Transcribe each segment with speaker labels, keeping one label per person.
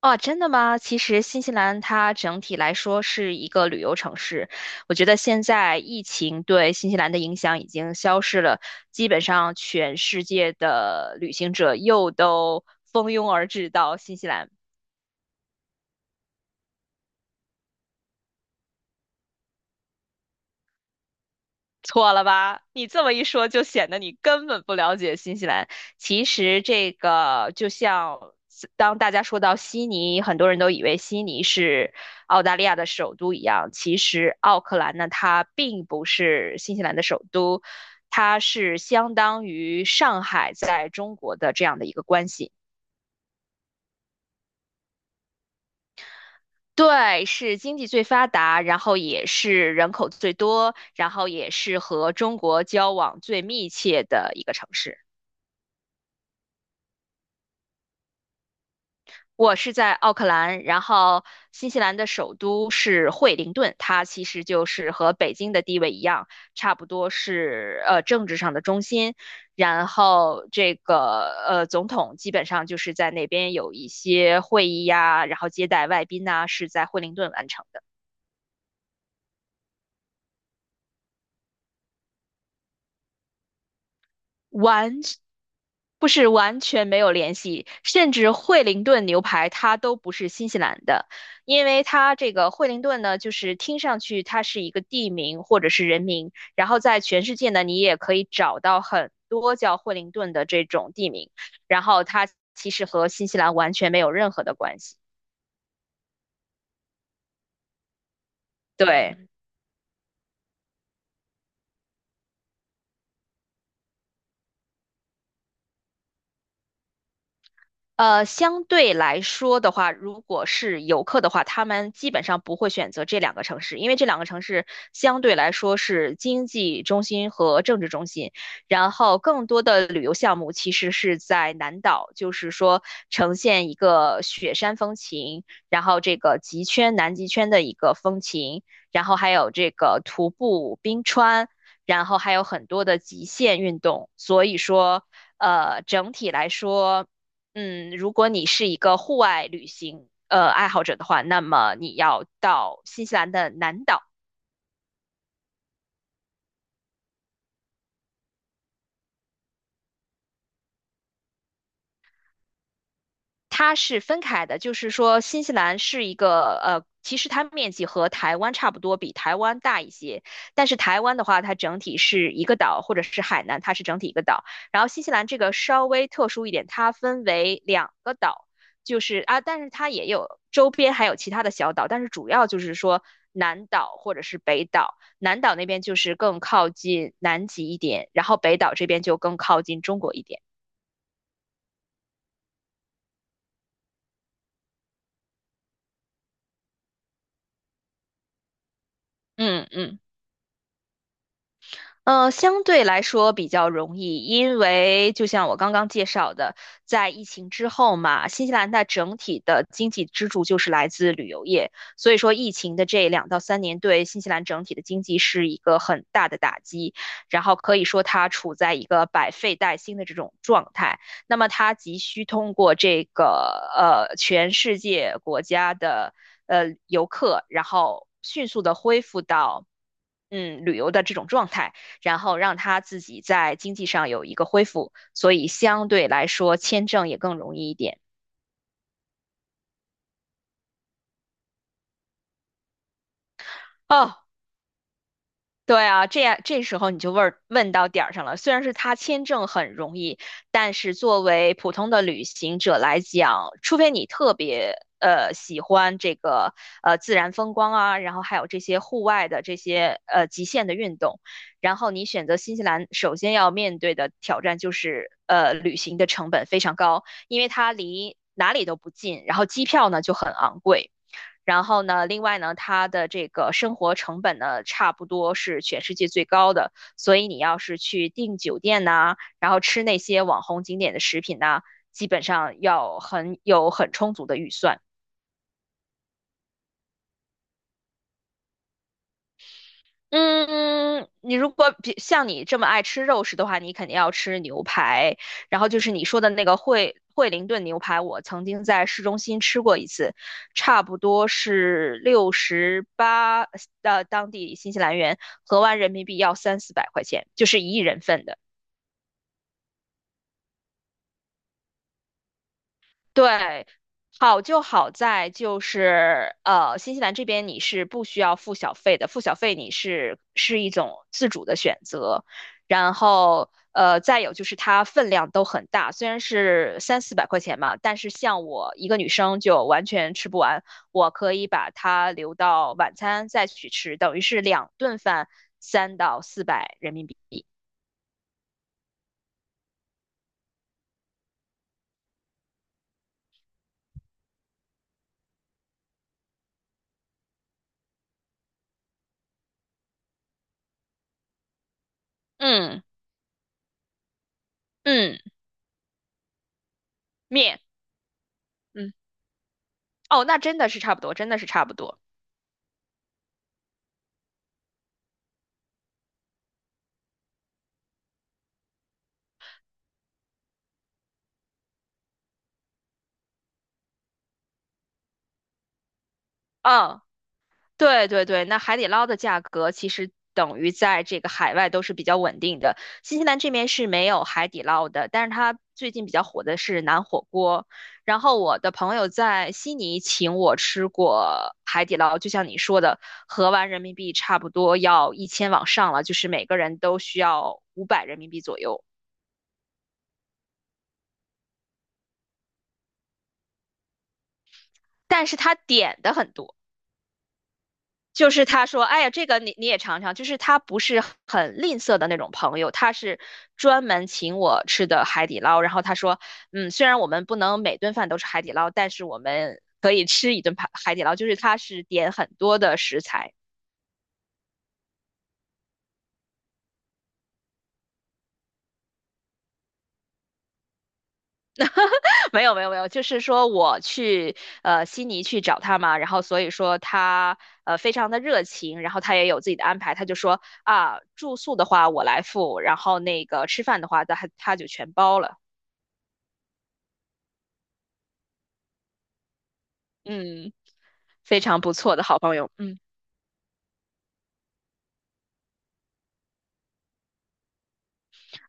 Speaker 1: 哦，真的吗？其实新西兰它整体来说是一个旅游城市，我觉得现在疫情对新西兰的影响已经消失了，基本上全世界的旅行者又都蜂拥而至到新西兰。错了吧？你这么一说，就显得你根本不了解新西兰。其实这个就像当大家说到悉尼，很多人都以为悉尼是澳大利亚的首都一样，其实奥克兰呢，它并不是新西兰的首都，它是相当于上海在中国的这样的一个关系。对，是经济最发达，然后也是人口最多，然后也是和中国交往最密切的一个城市。我是在奥克兰，然后新西兰的首都是惠灵顿，它其实就是和北京的地位一样，差不多是政治上的中心。然后这个总统基本上就是在那边有一些会议呀，然后接待外宾呐，是在惠灵顿完成的。完，不是完全没有联系，甚至惠灵顿牛排它都不是新西兰的，因为它这个惠灵顿呢，就是听上去它是一个地名或者是人名，然后在全世界呢，你也可以找到很多叫惠灵顿的这种地名，然后它其实和新西兰完全没有任何的关系。对。相对来说的话，如果是游客的话，他们基本上不会选择这两个城市，因为这两个城市相对来说是经济中心和政治中心。然后，更多的旅游项目其实是在南岛，就是说呈现一个雪山风情，然后这个极圈、南极圈的一个风情，然后还有这个徒步冰川，然后还有很多的极限运动。所以说，整体来说，如果你是一个户外旅行爱好者的话，那么你要到新西兰的南岛。它是分开的，就是说新西兰是一个其实它面积和台湾差不多，比台湾大一些。但是台湾的话，它整体是一个岛，或者是海南，它是整体一个岛。然后新西兰这个稍微特殊一点，它分为两个岛，就是啊，但是它也有周边还有其他的小岛，但是主要就是说南岛或者是北岛。南岛那边就是更靠近南极一点，然后北岛这边就更靠近中国一点。嗯嗯。相对来说比较容易，因为就像我刚刚介绍的，在疫情之后嘛，新西兰它整体的经济支柱就是来自旅游业，所以说疫情的这2到3年对新西兰整体的经济是一个很大的打击，然后可以说它处在一个百废待兴的这种状态，那么它急需通过这个全世界国家的游客，然后迅速的恢复到，旅游的这种状态，然后让他自己在经济上有一个恢复，所以相对来说签证也更容易一点。哦，对啊，这时候你就问问到点儿上了。虽然是他签证很容易，但是作为普通的旅行者来讲，除非你特别喜欢这个自然风光啊，然后还有这些户外的极限的运动，然后你选择新西兰，首先要面对的挑战就是旅行的成本非常高，因为它离哪里都不近，然后机票呢就很昂贵。然后呢，另外呢，它的这个生活成本呢，差不多是全世界最高的。所以你要是去订酒店呐、然后吃那些网红景点的食品呐、基本上要很有很充足的预算。嗯，你如果比像你这么爱吃肉食的话，你肯定要吃牛排。然后就是你说的那个惠灵顿牛排，我曾经在市中心吃过一次，差不多是68，当地新西兰元合完人民币要三四百块钱，就是一人份的。对，好就好在就是新西兰这边你是不需要付小费的，付小费你是一种自主的选择。然后呃，再有就是它分量都很大，虽然是三四百块钱嘛，但是像我一个女生就完全吃不完，我可以把它留到晚餐再去吃，等于是两顿饭300到400人民币。嗯嗯，面，嗯，哦，那真的是差不多，真的是差不多。嗯。对对对，那海底捞的价格其实等于在这个海外都是比较稳定的。新西兰这边是没有海底捞的，但是它最近比较火的是南火锅。然后我的朋友在悉尼请我吃过海底捞，就像你说的，合完人民币差不多要1000往上了，就是每个人都需要500人民币左右。但是他点的很多。就是他说，哎呀，这个你你也尝尝，就是他不是很吝啬的那种朋友，他是专门请我吃的海底捞。然后他说，嗯，虽然我们不能每顿饭都是海底捞，但是我们可以吃一顿海底捞，就是他是点很多的食材。没有没有没有，就是说我去悉尼去找他嘛，然后所以说他非常的热情，然后他也有自己的安排，他就说啊住宿的话我来付，然后那个吃饭的话他他就全包了。嗯。非常不错的好朋友。嗯，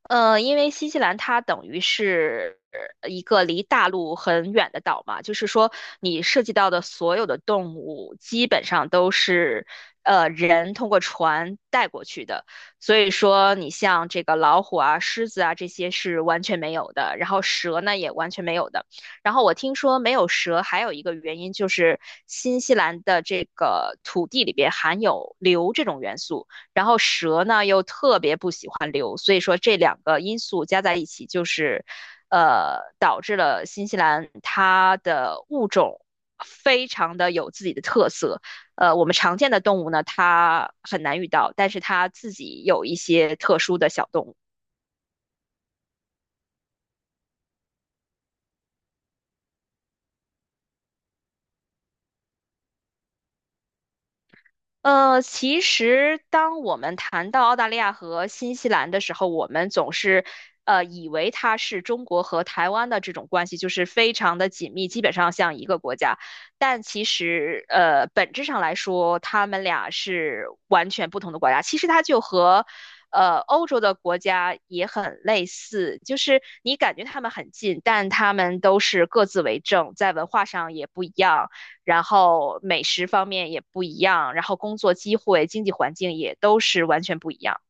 Speaker 1: 因为新西兰它等于是一个离大陆很远的岛嘛，就是说你涉及到的所有的动物基本上都是人通过船带过去的，所以说你像这个老虎啊、狮子啊这些是完全没有的，然后蛇呢也完全没有的。然后我听说没有蛇还有一个原因就是新西兰的这个土地里边含有硫这种元素。然后蛇呢又特别不喜欢硫，所以说这两个因素加在一起，就是导致了新西兰它的物种非常的有自己的特色。我们常见的动物呢，它很难遇到，但是它自己有一些特殊的小动物。其实当我们谈到澳大利亚和新西兰的时候，我们总是以为它是中国和台湾的这种关系，就是非常的紧密，基本上像一个国家。但其实本质上来说，他们俩是完全不同的国家。其实它就和欧洲的国家也很类似，就是你感觉他们很近，但他们都是各自为政，在文化上也不一样。然后美食方面也不一样，然后工作机会、经济环境也都是完全不一样。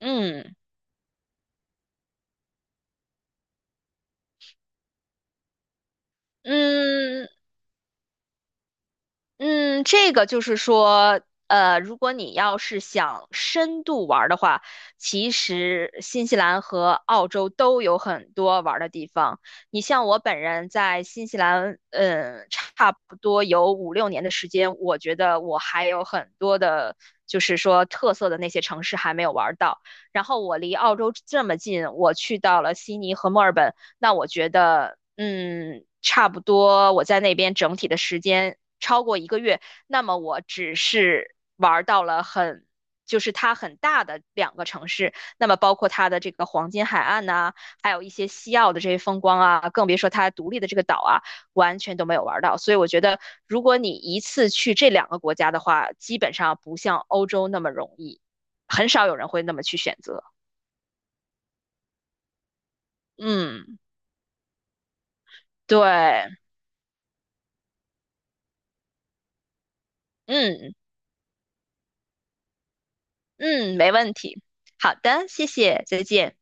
Speaker 1: 嗯嗯，嗯，这个就是说，如果你要是想深度玩儿的话，其实新西兰和澳洲都有很多玩儿的地方。你像我本人在新西兰，嗯，差不多有五六年的时间，我觉得我还有很多的，就是说特色的那些城市还没有玩儿到。然后我离澳洲这么近，我去到了悉尼和墨尔本，那我觉得，差不多我在那边整体的时间，超过一个月，那么我只是玩到了很，就是它很大的两个城市，那么包括它的这个黄金海岸呐、啊还有一些西澳的这些风光啊，更别说它独立的这个岛啊，完全都没有玩到。所以我觉得，如果你一次去这两个国家的话，基本上不像欧洲那么容易，很少有人会那么去选择。嗯，对，嗯嗯，没问题。好的，谢谢，再见。